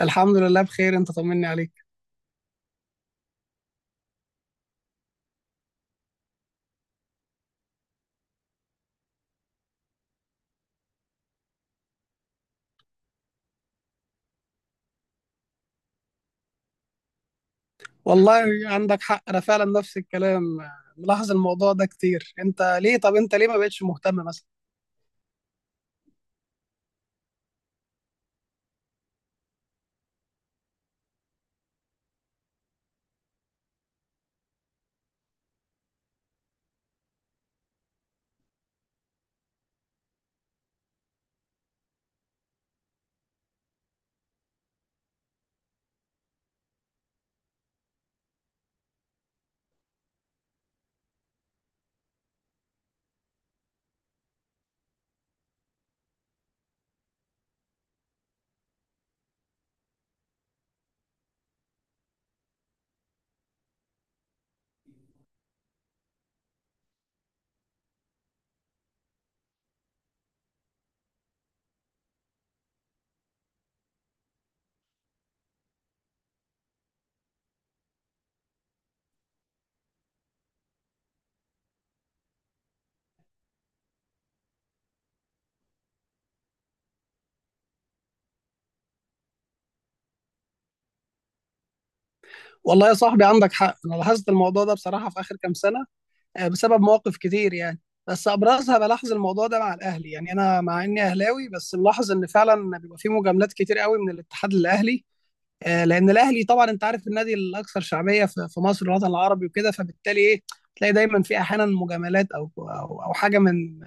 الحمد لله بخير، انت طمني عليك. والله عندك حق، انا فعلا نفس الكلام ملاحظ الموضوع ده كتير. انت ليه ما بقتش مهتم مثلا؟ والله يا صاحبي عندك حق، انا لاحظت الموضوع ده بصراحة في اخر كام سنة. بسبب مواقف كتير يعني، بس ابرزها بلاحظ الموضوع ده مع الاهلي. يعني انا مع اني اهلاوي بس ملاحظ ان فعلا بيبقى في مجاملات كتير قوي من الاتحاد للاهلي. لان الاهلي طبعا انت عارف النادي الاكثر شعبية في مصر والوطن العربي وكده، فبالتالي ايه، تلاقي دايما في احيانا مجاملات او حاجه من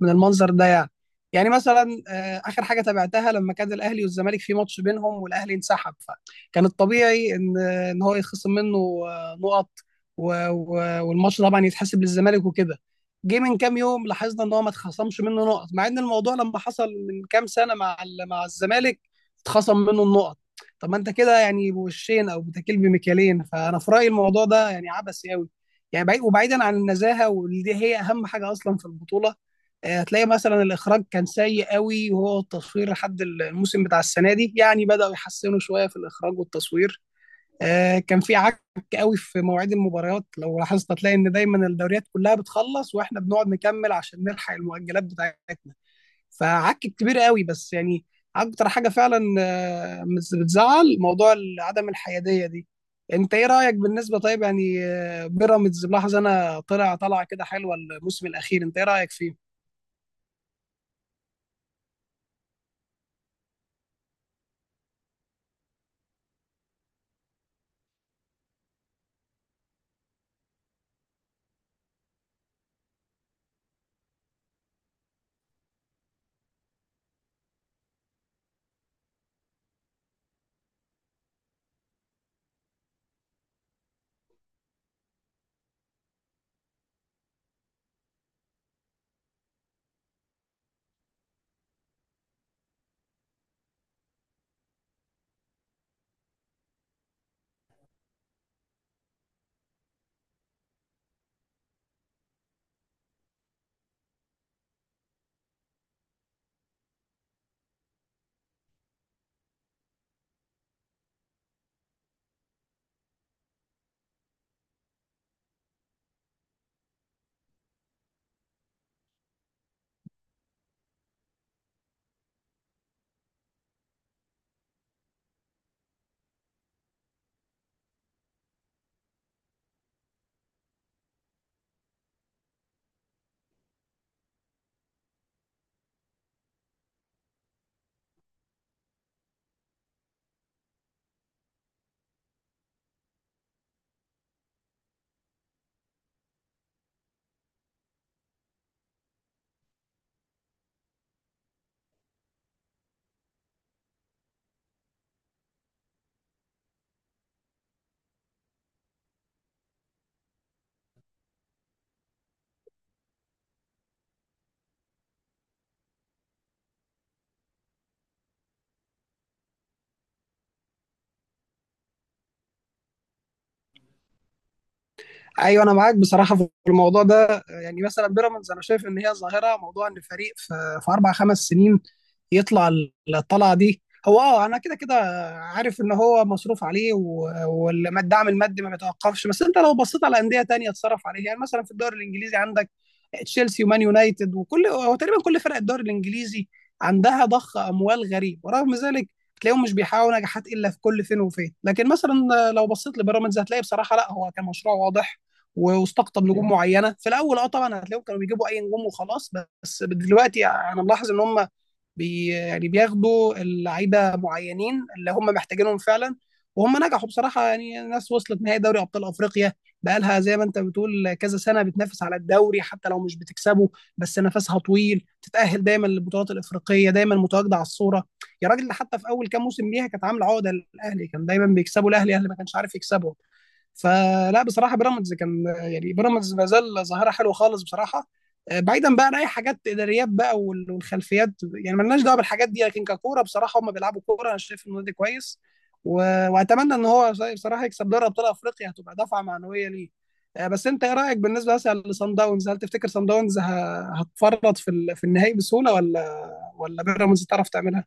من المنظر ده يعني. يعني مثلا اخر حاجه تابعتها لما كان الاهلي والزمالك في ماتش بينهم والاهلي انسحب، فكان الطبيعي ان هو يخصم منه نقط، والماتش طبعا يتحسب للزمالك وكده. جه من كام يوم لاحظنا ان هو ما اتخصمش منه نقط، مع ان الموضوع لما حصل من كام سنه مع الزمالك اتخصم منه النقط. طب ما انت كده يعني بوشين او بتاكل بمكيالين، فانا في رايي الموضوع ده يعني عبثي قوي، يعني بعيد، وبعيدا عن النزاهه واللي دي هي اهم حاجه اصلا في البطوله. هتلاقي مثلا الاخراج كان سيء قوي، وهو التصوير لحد الموسم بتاع السنه دي يعني بداوا يحسنوا شويه في الاخراج والتصوير. كان في عك قوي في مواعيد المباريات، لو لاحظت هتلاقي ان دايما الدوريات كلها بتخلص واحنا بنقعد نكمل عشان نلحق المؤجلات بتاعتنا. فعك كبير قوي بس يعني، اكتر حاجه فعلا بتزعل موضوع عدم الحياديه دي. انت ايه رايك بالنسبه؟ طيب يعني بيراميدز، ملاحظ انا طلع كده حلوه الموسم الاخير، انت ايه رايك فيه؟ ايوه انا معاك بصراحه في الموضوع ده. يعني مثلا بيراميدز انا شايف ان هي ظاهره، موضوع ان فريق في, في اربع خمس سنين يطلع الطلعه دي. هو اه انا كده كده عارف ان هو مصروف عليه والدعم المادي ما بيتوقفش. بس انت لو بصيت على انديه تانية اتصرف عليها، يعني مثلا في الدوري الانجليزي عندك تشيلسي ومان يونايتد، وكل هو تقريبا كل فرق الدوري الانجليزي عندها ضخ اموال غريب، ورغم ذلك تلاقيهم مش بيحققوا نجاحات الا في كل فين وفين. لكن مثلا لو بصيت لبيراميدز هتلاقي بصراحه لا، هو كان مشروع واضح واستقطب نجوم معينه. في الاول اه طبعا هتلاقيهم كانوا بيجيبوا اي نجوم وخلاص، بس دلوقتي انا ملاحظ ان هم يعني بياخدوا اللعيبه معينين اللي هم محتاجينهم فعلا. وهم نجحوا بصراحه، يعني الناس وصلت نهائي دوري ابطال افريقيا، بقالها زي ما انت بتقول كذا سنه بتنافس على الدوري حتى لو مش بتكسبه، بس نفسها طويل، تتاهل دايما للبطولات الافريقيه، دايما متواجده على الصوره. يا راجل ده حتى في اول كام موسم ليها كانت عامله عقده للاهلي، كان دايما بيكسبوا الاهلي، ما كانش عارف يكسبه. فلا بصراحه بيراميدز كان يعني، بيراميدز ما زال ظاهره حلوه خالص بصراحه. بعيدا بقى عن اي حاجات اداريات بقى والخلفيات، يعني مالناش دعوه بالحاجات دي، لكن ككوره بصراحه هم بيلعبوا كوره. انا شايف النادي كويس واتمنى ان هو بصراحه يكسب دوري ابطال افريقيا، هتبقى دفعه معنويه ليه. بس انت ايه رايك بالنسبه مثلا لصن داونز؟ هل تفتكر صن داونز هتفرط في في النهائي بسهوله، ولا بيراميدز تعرف تعملها؟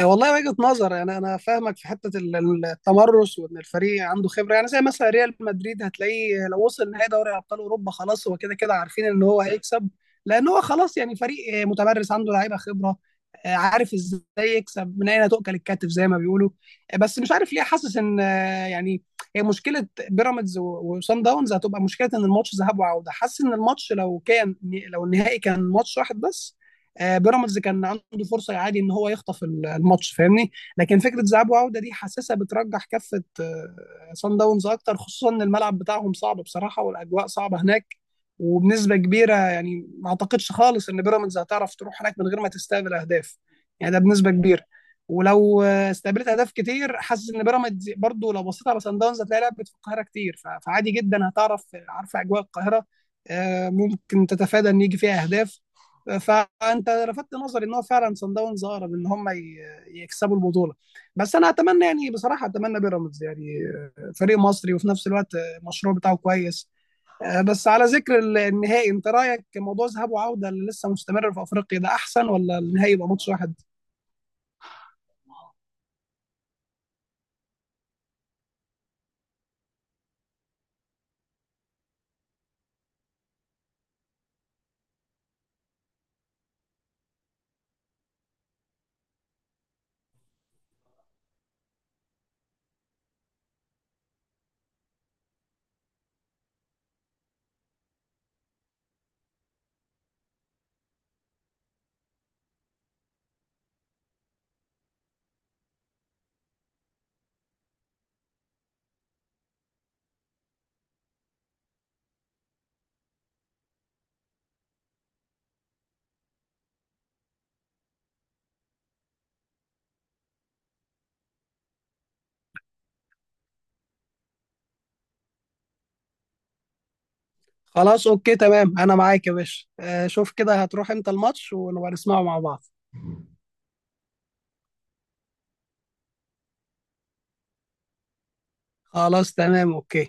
والله وجهة نظر. يعني انا فاهمك في حته التمرس وان الفريق عنده خبره، يعني زي مثلا ريال مدريد هتلاقيه لو وصل نهائي دوري ابطال اوروبا خلاص، هو كده كده عارفين ان هو هيكسب، لان هو خلاص يعني فريق متمرس عنده لعيبه خبره، عارف ازاي يكسب من اين تؤكل الكتف زي ما بيقولوا. بس مش عارف ليه حاسس ان يعني هي مشكله بيراميدز وصن داونز هتبقى مشكله، ان الماتش ذهاب وعوده. حاسس ان الماتش لو كان، لو النهائي كان ماتش واحد بس بيراميدز كان عنده فرصه عادي ان هو يخطف الماتش، فاهمني؟ لكن فكره ذهاب وعوده دي حاسسها بترجح كفه سان داونز اكتر، خصوصا ان الملعب بتاعهم صعب بصراحه والاجواء صعبه هناك. وبنسبه كبيره يعني ما اعتقدش خالص ان بيراميدز هتعرف تروح هناك من غير ما تستقبل اهداف، يعني ده بنسبه كبيره. ولو استقبلت اهداف كتير، حاسس ان بيراميدز برضو لو بصيت على سان داونز هتلاقي لعبت في القاهره كتير، فعادي جدا هتعرف، عارفه اجواء القاهره. ممكن تتفادى ان يجي فيها اهداف. فانت لفتت نظري ان هو فعلا صن داونز اقرب ان هم يكسبوا البطوله، بس انا اتمنى يعني بصراحه اتمنى بيراميدز يعني، فريق مصري وفي نفس الوقت المشروع بتاعه كويس. بس على ذكر النهائي، انت رايك موضوع ذهاب وعوده اللي لسه مستمر في افريقيا ده احسن، ولا النهائي يبقى ماتش واحد؟ خلاص اوكي تمام انا معاك يا باشا. شوف كده هتروح امتى الماتش ونبقى نسمعه مع بعض. خلاص تمام اوكي.